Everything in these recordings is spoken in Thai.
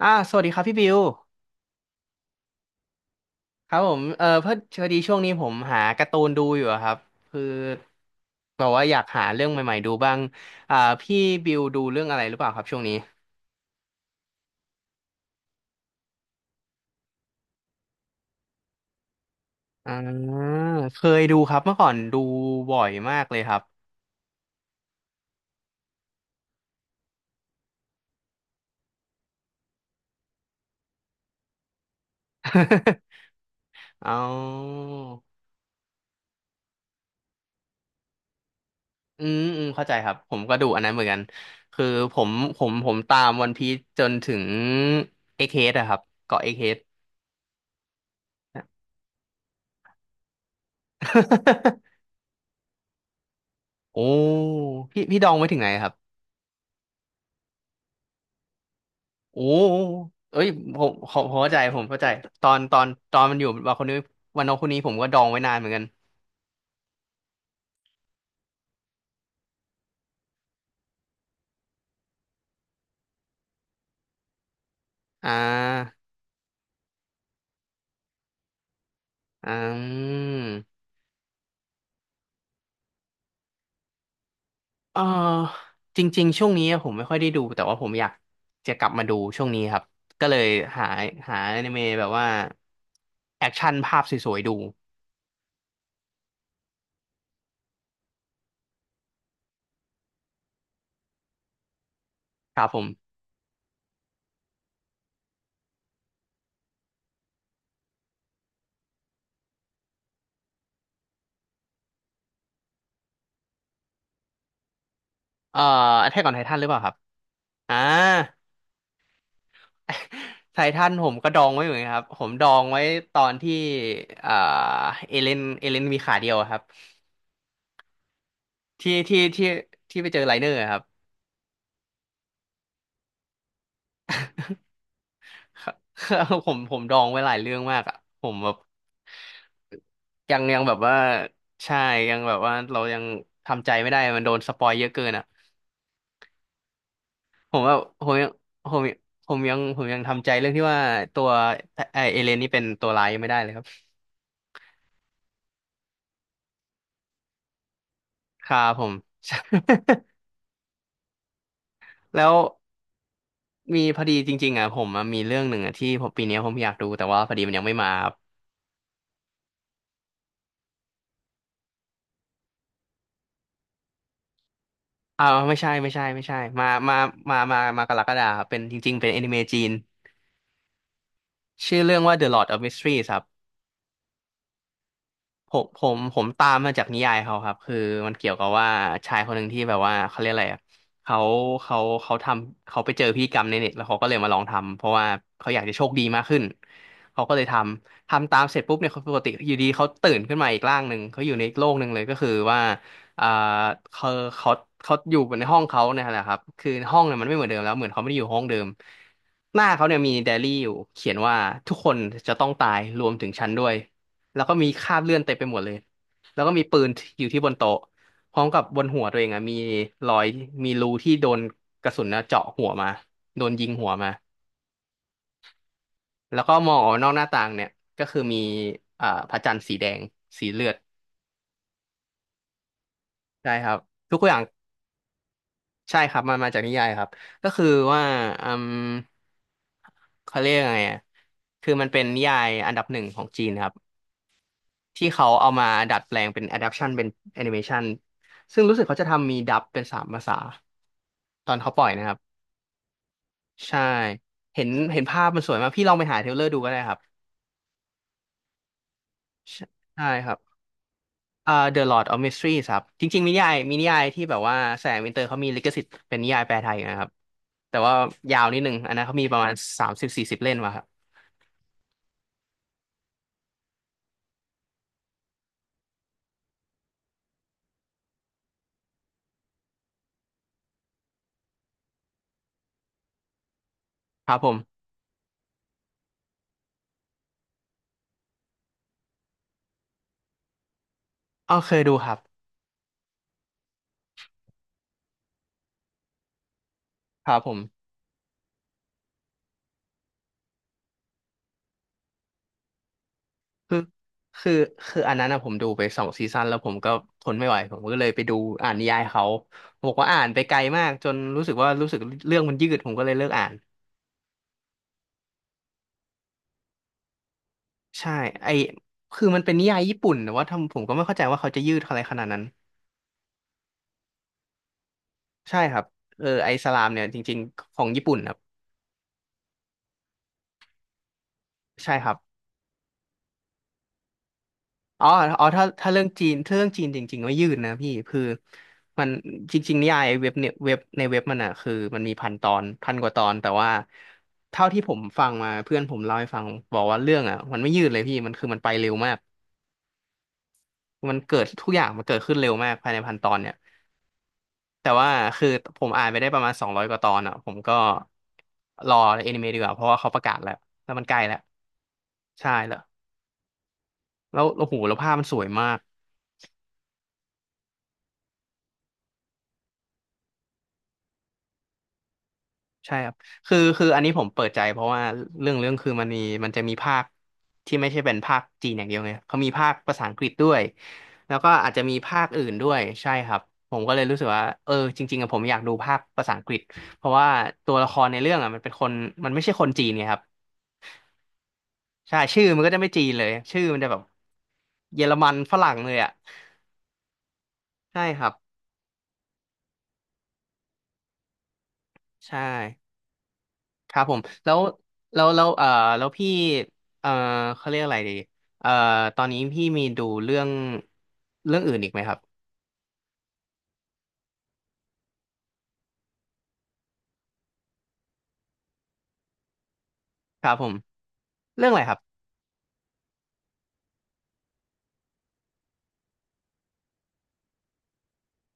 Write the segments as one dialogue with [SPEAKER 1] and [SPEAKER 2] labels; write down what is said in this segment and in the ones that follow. [SPEAKER 1] สวัสดีครับพี่บิวครับผมเออเพื่อพอดีช่วงนี้ผมหาการ์ตูนดูอยู่อะครับคือแบบว่าอยากหาเรื่องใหม่ๆดูบ้างอ่าพี่บิวดูเรื่องอะไรหรือเปล่าครับช่วงนี้อ่าเคยดูครับเมื่อก่อนดูบ่อยมากเลยครับ เอาอืมอืมเข้าใจครับผมก็ดูอันนั้นเหมือนกันคือผมผมตามวันพีซจนถึงเอ็กเฮดอะครับเกาะเอ็กเฮด โอ้พี่ดองไว้ถึงไหนครับ โอ้เอ้ยผมเข้าใจผมเข้าใจตอนมันอยู่วันคนนี้วันน้องคนนี้ผมก็ดองไว้นานเหมือนกันอ่าอืมเออจริงๆ ช่วงนี้ผมไม่ค่อยได้ดูแต่ว่าผมอยากจะกลับมาดูช่วงนี้ครับก็เลยหาหาอนิเมะแบบว่าแอคชั่นภาพสวยๆดูครับผมเอ่อแท็กออนไททันหรือเปล่าครับอ่า ไททันผมก็ดองไว้เหมือนกันครับผมดองไว้ตอนที่เอ่อเอเลนมีขาเดียวอะครับ ที่ที่ที่ที่ไปเจอไลเนอร์อะครับ ผมดองไว้หลายเรื่องมากอ่ะผมแบบยังแบบว่าใช่ยังแบบว่าเรายังทำใจไม่ได้มันโดนสปอยเยอะเกินอ่ะผมว่าผมยังผมผมยังทำใจเรื่องที่ว่าตัวไอเอเลนนี่เป็นตัวร้ายยังไม่ได้เลยครับครับผม แล้วมีพอดีจริงๆอ่ะผมอะมีเรื่องหนึ่งอ่ะที่ผมปีเนี้ยผมอยากดูแต่ว่าพอดีมันยังไม่มา อ่าไม่ใช่ไม่ใช่ไม่ใช่มากรกฎาครับเป็นจริงๆเป็นแอนิเมะจีนชื่อเรื่องว่า The Lord of Mysteries ครับ ผมตามมาจากนิยายเขาครับคือมันเกี่ยวกับว่าชายคนหนึ่งที่แบบว่าเขาเรียกอะไรอะเขาเขาเขาไปเจอพิธีกรรมในเน็ตแล้วเขาก็เลยมาลองทำเพราะว่าเขาอยากจะโชคดีมากขึ้นเขาก็เลยทำตามเสร็จปุ๊บเนี่ยเขาปกติอยู่ดีเขาตื่นขึ้นมาอีกร่างหนึ่งเขาอยู่ในอีกโลกหนึ่งเลยก็คือว่าอ่าเขาเขาเขาอยู่ในห้องเขาเนี่ยแหละครับคือห้องเนี่ยมันไม่เหมือนเดิมแล้วเหมือนเขาไม่ได้อยู่ห้องเดิมหน้าเขาเนี่ยมีไดอารี่อยู่เขียนว่าทุกคนจะต้องตายรวมถึงฉันด้วย แล้วก็มีคราบเลือดเต็มไปหมดเลยแล้วก็มีปืนอยู่ที่บนโต๊ะพร้อมกับบนหัวตัวเองอะมีรอยมีรูที่โดนกระสุนนะเจาะหัวมา โดนยิงหัวมา แล้วก็มองออกนอกหน้าต่างเนี่ยก็คือมีพระจันทร์สีแดง สีเลือดใช่ครับทุกอย่างใช่ครับมันมาจากนิยายครับก็คือว่าอืมเขาเรียกยังไงอะคือมันเป็นนิยายอันดับหนึ่งของจีนครับ ที่เขาเอามาดัดแปลงเป็น adaptation เป็น animation ซึ่งรู้สึกเขาจะทำมีดับเป็น3 ภาษาตอนเขาปล่อยนะครับใช่เห็นภาพมันสวยมากพี่ลองไปหาเทรลเลอร์ดูก็ได้ครับใช่ใช่ครับThe Lord of Mysteries ครับจริงๆมีนิยายที่แบบว่าแสงวินเตอร์เขามีลิขสิทธิ์เป็นนิยายแปลไทยอยู่นะครับแต่ว่ายาวนิดนึงอันนั้นเขามีประมาณ30-40 เล่มมาครับครับผมอ๋อเคยดูครับครับผม คือคือคืออันนั้นนะผมดูไป2 ซีซั่นแล้วผมก็ทนไม่ไหวผมก็เลยไปดูอ่านนิยายเขาผมบอกว่าอ่านไปไกลมากจนรู้สึกว่ารู้สึกเรื่องมันยืดผมก็เลยเลิกอ่านใช่ไอคือมันเป็นนิยายญี่ปุ่นแต่ว่าทำผมก็ไม่เข้าใจว่าเขาจะยืดอะไรขนาดนั้นใช่ครับเออไอสลามเนี่ยจริงๆของญี่ปุ่นครับใช่ครับ อ๋ออ๋อถ้าเรื่องจีนจริงๆไม่ยืดนะพี่ คือมันจริงๆนิยายเว็บเนี่ยเว็บในเว็บมันอ่ะคือมันมี1,000 ตอน 1,000 กว่าตอนแต่ว่าเท่าที่ผมฟังมาเพื่อนผมเล่าให้ฟังบอกว่าเรื่องอ่ะมันไม่ยืดเลยพี่มันคือมันไปเร็วมากมันเกิดทุกอย่างมันเกิดขึ้นเร็วมากภายในพันตอนเนี่ยแต่ว่าคือผมอ่านไปได้ประมาณ200 กว่าตอนอ่ะผมก็รอแอนิเมะดีกว่าเพราะว่าเขาประกาศแล้วแล้วมันใกล้แล้วใช่แล้วแล้วโอ้โหแล้วภาพมันสวยมาก ใช่ครับคืออันนี้ผมเปิดใจเพราะว่าเรื่องคือมันมีมันจะมีภาคที่ไม่ใช่เป็นภาคจีนอย่างเดียวไงเขามีภาคภาษาอังกฤษด้วย แล้วก็อาจจะมีภาคอื่นด้วยใช่ครับ ผมก็เลยรู้สึกว่าเออจริงๆอะผมอยากดูภาคภาษาอังกฤษเพราะว่าตัวละครในเรื่องอะมันเป็นคนมันไม่ใช่คนจีนไงครับ ใช่ชื่อมันก็จะไม่จีนเลยชื่อมันจะแบบเยอรมันฝรั่งเลยอะใช่ครับใช่ ครับผมแล้วแล้วแล้วพี่เอ่อเขาเรียกอะไรดีเอ่อตอนนี้พี่มีดูเรื่องเรื่องอื่นอีกไหมครับครับผมเรื่องอะไรครับ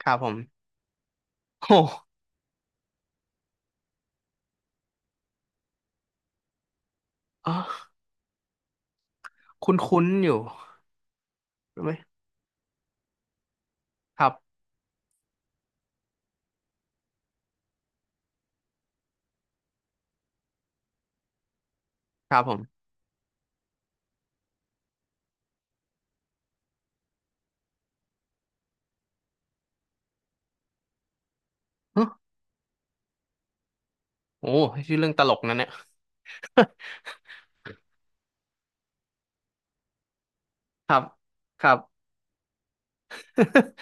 [SPEAKER 1] ครับผมโอ้อ๋อคุ้นๆอยู่รู้ไหมครับครับผมฮะโอ้ชื่อเรื่องตลกนั่นเนี่ย ครับครับ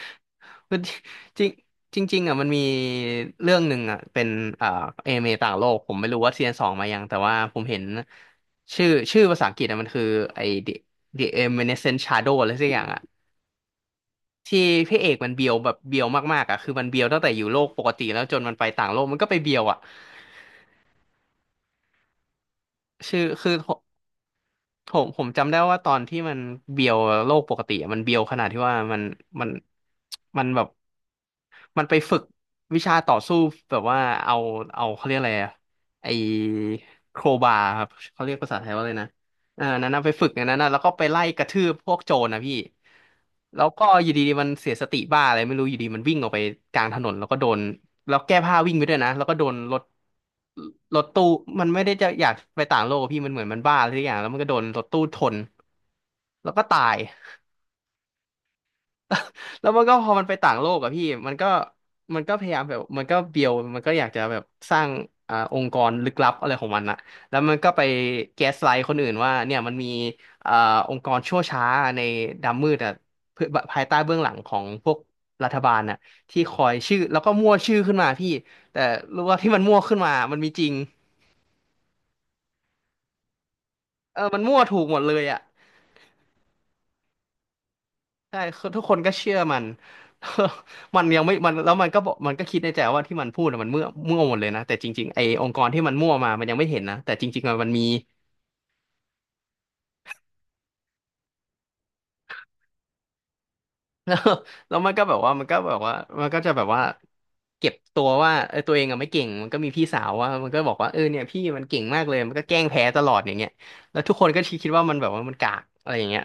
[SPEAKER 1] คือจริงจริงจริงๆอ่ะมันมีเรื่องหนึ่งอ่ะเป็นเอ่อเอเมต่างโลกผมไม่รู้ว่าซีซั่นสองมายังแต่ว่าผมเห็นชื่อภาษาอังกฤษอ่ะมันคือไอ้ The Evanescent Shadow อะไรสักอย่างอ่ะที่พระเอกมันเบียวแบบเบียวมากๆอ่ะคือมันเบียวตั้งแต่อยู่โลกปกติแล้วจนมันไปต่างโลกมันก็ไปเบียวอ่ะชื่อคือ ผมจำได้ว่าตอนที่มันเบียวโลกปกติอะมันเบียวขนาดที่ว่ามันมันแบบมันไปฝึกวิชาต่อสู้แบบว่าเอาเอาเขาเรียกอะไรอะไอโครบาครับเขาเรียกภาษาไทยว่าอะไรนะอ่านั้นนะไปฝึกอย่างนั้นนะแล้วก็ไปไล่กระทืบพวกโจรนะพี่แล้วก็อยู่ดีๆมันเสียสติบ้าอะไรไม่รู้อยู่ดีมันวิ่งออกไปกลางถนนแล้วก็โดน แล้วแก้ผ้าวิ่งไปด้วยนะแล้วก็โดนรถรถตู้มันไม่ได้จะอยากไปต่างโลกอะพี่มันเหมือนมันบ้าอะไรสักอย่างแล้วมันก็โดนรถตู้ชนแล้วก็ตาย แล้วมันก็พอมันไปต่างโลกอะพี่มันก็มันก็พยายามแบบมันก็เบียวมันก็อยากจะแบบสร้างองค์กรลึกลับอะไรของมันอะแล้วมันก็ไปแก๊สไลท์คนอื่นว่าเนี่ยมันมีอ่าองค์กรชั่วช้าในดำมืดอะเพื่อภายใต้เบื้องหลังของพวกรัฐบาลน่ะที่คอยชื่อแล้วก็มั่วชื่อขึ้นมาพี่แต่รู้ว่าที่มันมั่วขึ้นมามันมีจริงเออมันมั่วถูกหมดเลยอะ ใช่คือทุกคนก็เชื่อมัน มันยังไม่มันแล้วมันก็บอกมันก็คิดในใจว่าที่มันพูดน่ะมันมั่วหมดเลยนะแต่จริงๆไอ้องค์กรที่มันมั่วมามันยังไม่เห็นนะแต่จริงๆอะมันมี แล้วแล้วมันก็แบบว่ามันก็จะแบบว่าเก็บตัวว่าเออตัวเองอะไม่เก่งมันก็มีพี่สาวว่ามันก็บอกว่าเออเนี่ยพี่มันเก่งมากเลยมันก็แกล้งแพ้ตลอดอย่างเงี้ยแล้วทุกคนก็คิดว่ามันแบบว่ามันกากอะไรอย่างเงี้ย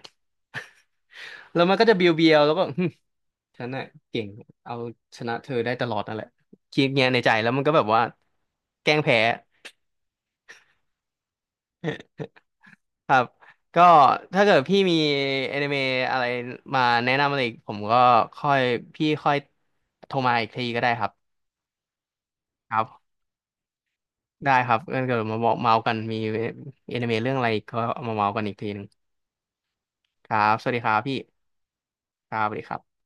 [SPEAKER 1] แล้วมันก็จะเบียวๆแล้วก็ ฉันน่ะเก่งเอาชนะเธอได้ตลอดนั่นแหละคิดเงี้ยในใจแล้วมันก็แบบว่าแกล้งแพ้ ครับก็ถ้าเกิดพี่มีแอนิเมะอะไรมาแนะนำอะไรอีกผมก็ค่อยพี่ค่อยโทรมาอีกทีก็ได้ครับครับได้ครับงั้นเกิดมาบอกเมาส์กันมีแอนิเมะเรื่องอะไรก็เอามาเมาส์กันอีกทีหนึ่งครับสวัสดีครับพี่ครับสวัสดีครับ